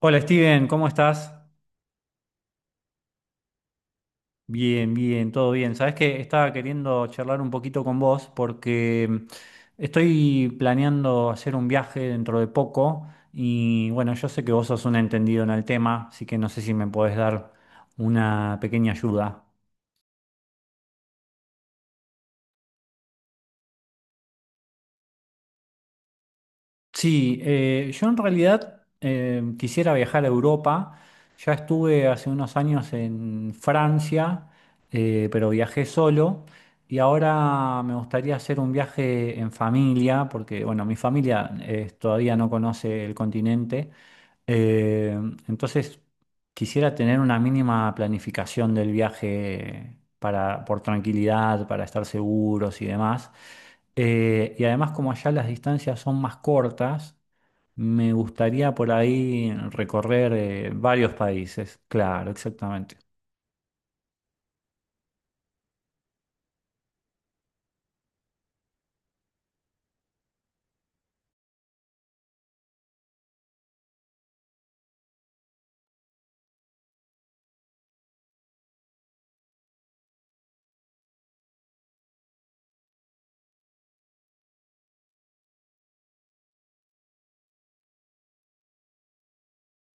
Hola Steven, ¿cómo estás? Bien, bien, todo bien. Sabes que estaba queriendo charlar un poquito con vos porque estoy planeando hacer un viaje dentro de poco y bueno, yo sé que vos sos un entendido en el tema, así que no sé si me podés dar una pequeña ayuda. Sí, yo en realidad quisiera viajar a Europa. Ya estuve hace unos años en Francia, pero viajé solo. Y ahora me gustaría hacer un viaje en familia, porque bueno, mi familia todavía no conoce el continente. Eh, entonces, quisiera tener una mínima planificación del viaje para, por tranquilidad, para estar seguros y demás. Y además, como allá las distancias son más cortas, me gustaría por ahí recorrer varios países. Claro, exactamente.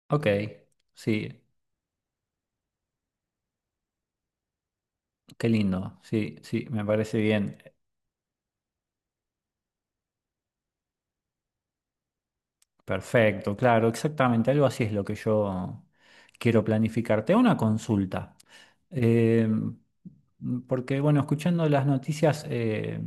Ok, sí, qué lindo. Sí, sí, me parece bien. Perfecto, claro, exactamente, algo así es lo que yo quiero planificarte. Una consulta, eh, porque bueno, escuchando las noticias,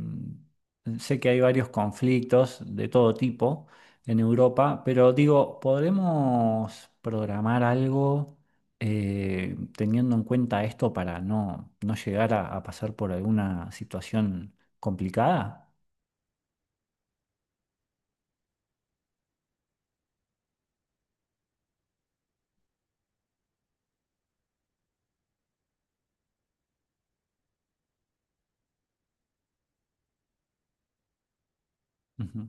sé que hay varios conflictos de todo tipo en Europa, pero digo, ¿podremos programar algo teniendo en cuenta esto para no, no llegar a pasar por alguna situación complicada? Ujú.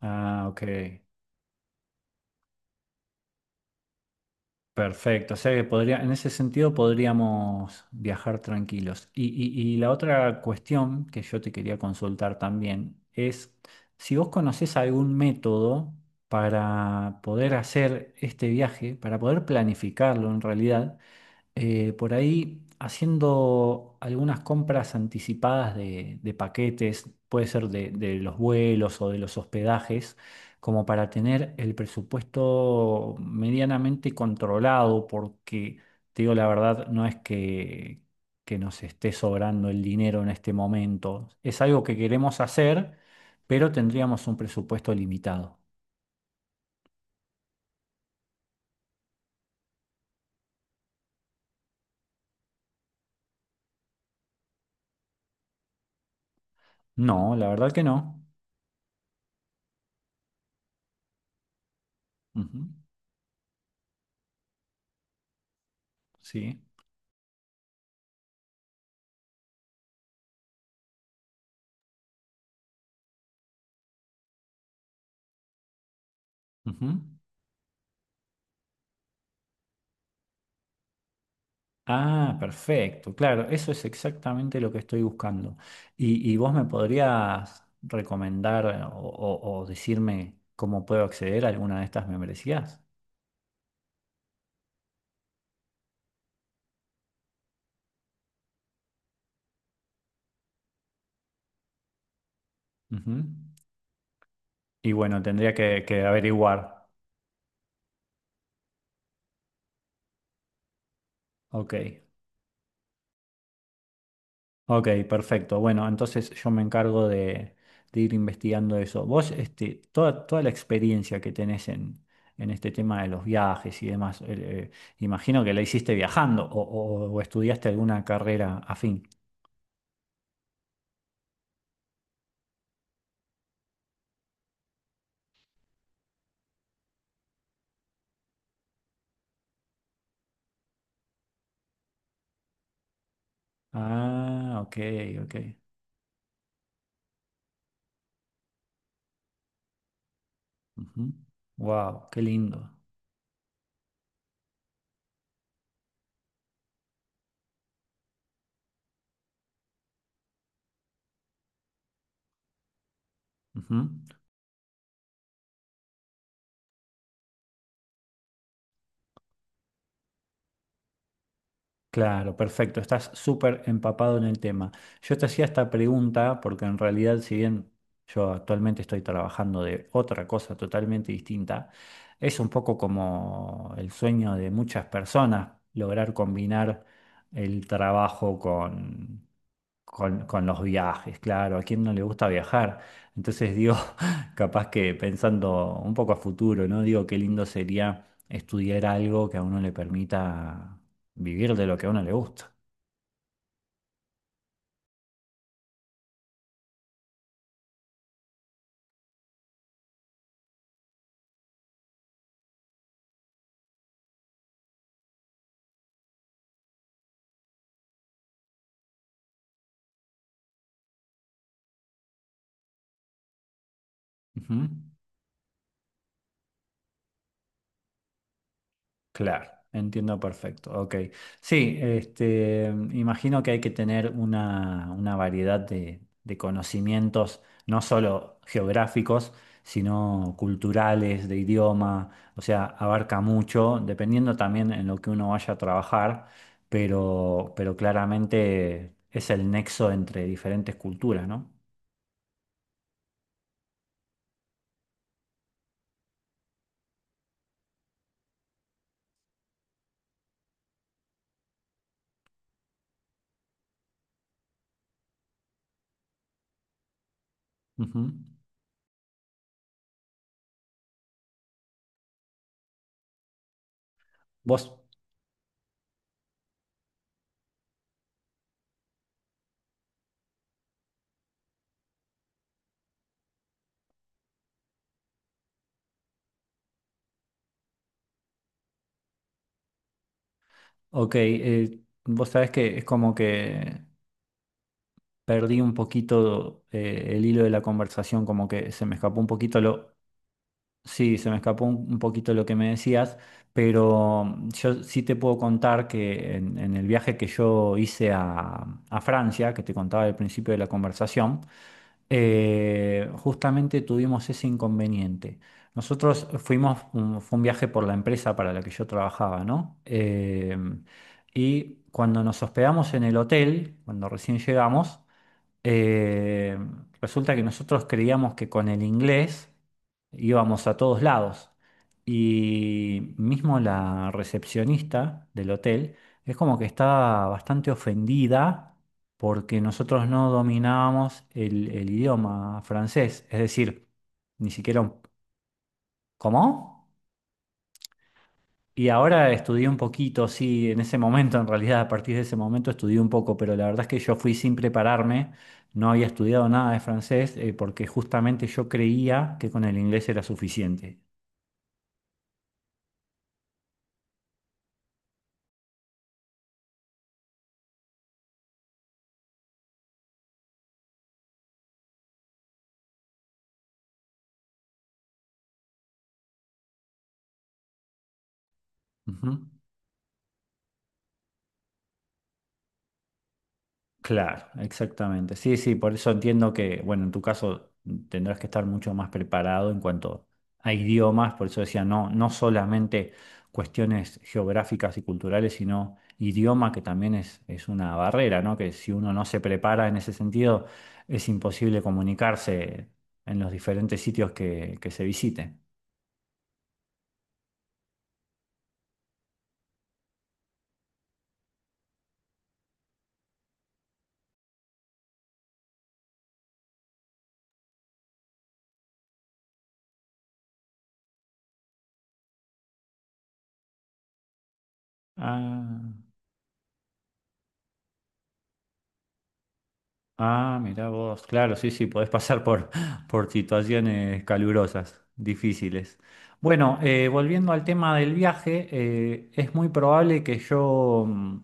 Ah, ok. Perfecto, o sea que podría, en ese sentido podríamos viajar tranquilos. Y, y la otra cuestión que yo te quería consultar también es si vos conocés algún método para poder hacer este viaje, para poder planificarlo en realidad por ahí haciendo algunas compras anticipadas de paquetes, puede ser de los vuelos o de los hospedajes, como para tener el presupuesto medianamente controlado, porque te digo la verdad, no es que nos esté sobrando el dinero en este momento. Es algo que queremos hacer, pero tendríamos un presupuesto limitado. No, la verdad que no. Ujú, sí, ujú. Ah, perfecto, claro, eso es exactamente lo que estoy buscando. Y vos me podrías recomendar o, o decirme cómo puedo acceder a alguna de estas membresías? Ujú. Y bueno, tendría que averiguar. Ok, ok, perfecto. Bueno, entonces yo me encargo de ir investigando eso. Vos, este, toda, toda la experiencia que tenés en este tema de los viajes y demás, imagino que la hiciste viajando o o estudiaste alguna carrera afín. Ah, ok, ok. Wow, qué lindo. Ujú. Claro, perfecto, estás súper empapado en el tema. Yo te hacía esta pregunta porque en realidad, si bien yo actualmente estoy trabajando de otra cosa totalmente distinta, es un poco como el sueño de muchas personas lograr combinar el trabajo con, con los viajes, claro, ¿a quién no le gusta viajar? Entonces digo, capaz que pensando un poco a futuro, ¿no? Digo, qué lindo sería estudiar algo que a uno le permita vivir de lo que a uno le gusta. Ujú. Claro, entiendo perfecto. Ok. Sí, este, imagino que hay que tener una variedad de conocimientos, no solo geográficos, sino culturales, de idioma. O sea, abarca mucho, dependiendo también en lo que uno vaya a trabajar, pero claramente es el nexo entre diferentes culturas, ¿no? Ujú. Vos, ok, vos sabés que es como que perdí un poquito el hilo de la conversación, como que se me escapó un poquito lo, sí, se me escapó un poquito lo que me decías, pero yo sí te puedo contar que en el viaje que yo hice a Francia, que te contaba al principio de la conversación, justamente tuvimos ese inconveniente. Nosotros fuimos, fue un viaje por la empresa para la que yo trabajaba, ¿no? Y cuando nos hospedamos en el hotel, cuando recién llegamos, eh, resulta que nosotros creíamos que con el inglés íbamos a todos lados. Y mismo la recepcionista del hotel es como que estaba bastante ofendida porque nosotros no dominábamos el idioma francés. Es decir, ni siquiera un... ¿Cómo? Y ahora estudié un poquito, sí, en ese momento, en realidad, a partir de ese momento estudié un poco, pero la verdad es que yo fui sin prepararme, no había estudiado nada de francés, porque justamente yo creía que con el inglés era suficiente. Ujú. Claro, exactamente. Sí, sí, por eso entiendo que, bueno, en tu caso tendrás que estar mucho más preparado en cuanto a idiomas, por eso decía, no, no solamente cuestiones geográficas y culturales, sino idioma, que también es una barrera, ¿no? Que si uno no se prepara en ese sentido, es imposible comunicarse en los diferentes sitios que se visite. Ah. Ah, mirá vos, claro, sí, sí, podés pasar por, por situaciones calurosas, difíciles. Bueno, volviendo al tema del viaje, es muy probable que yo,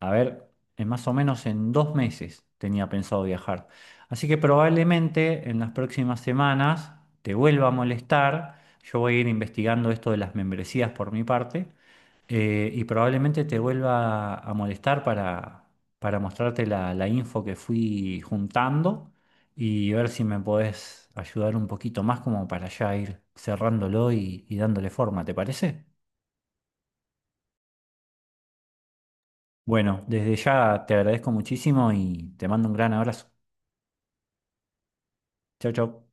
a ver, en más o menos en 2 meses tenía pensado viajar. Así que probablemente en las próximas semanas te vuelva a molestar. Yo voy a ir investigando esto de las membresías por mi parte y probablemente te vuelva a molestar para mostrarte la, la info que fui juntando y ver si me podés ayudar un poquito más como para ya ir cerrándolo y dándole forma, ¿te parece? Bueno, desde ya te agradezco muchísimo y te mando un gran abrazo. Chau, chau.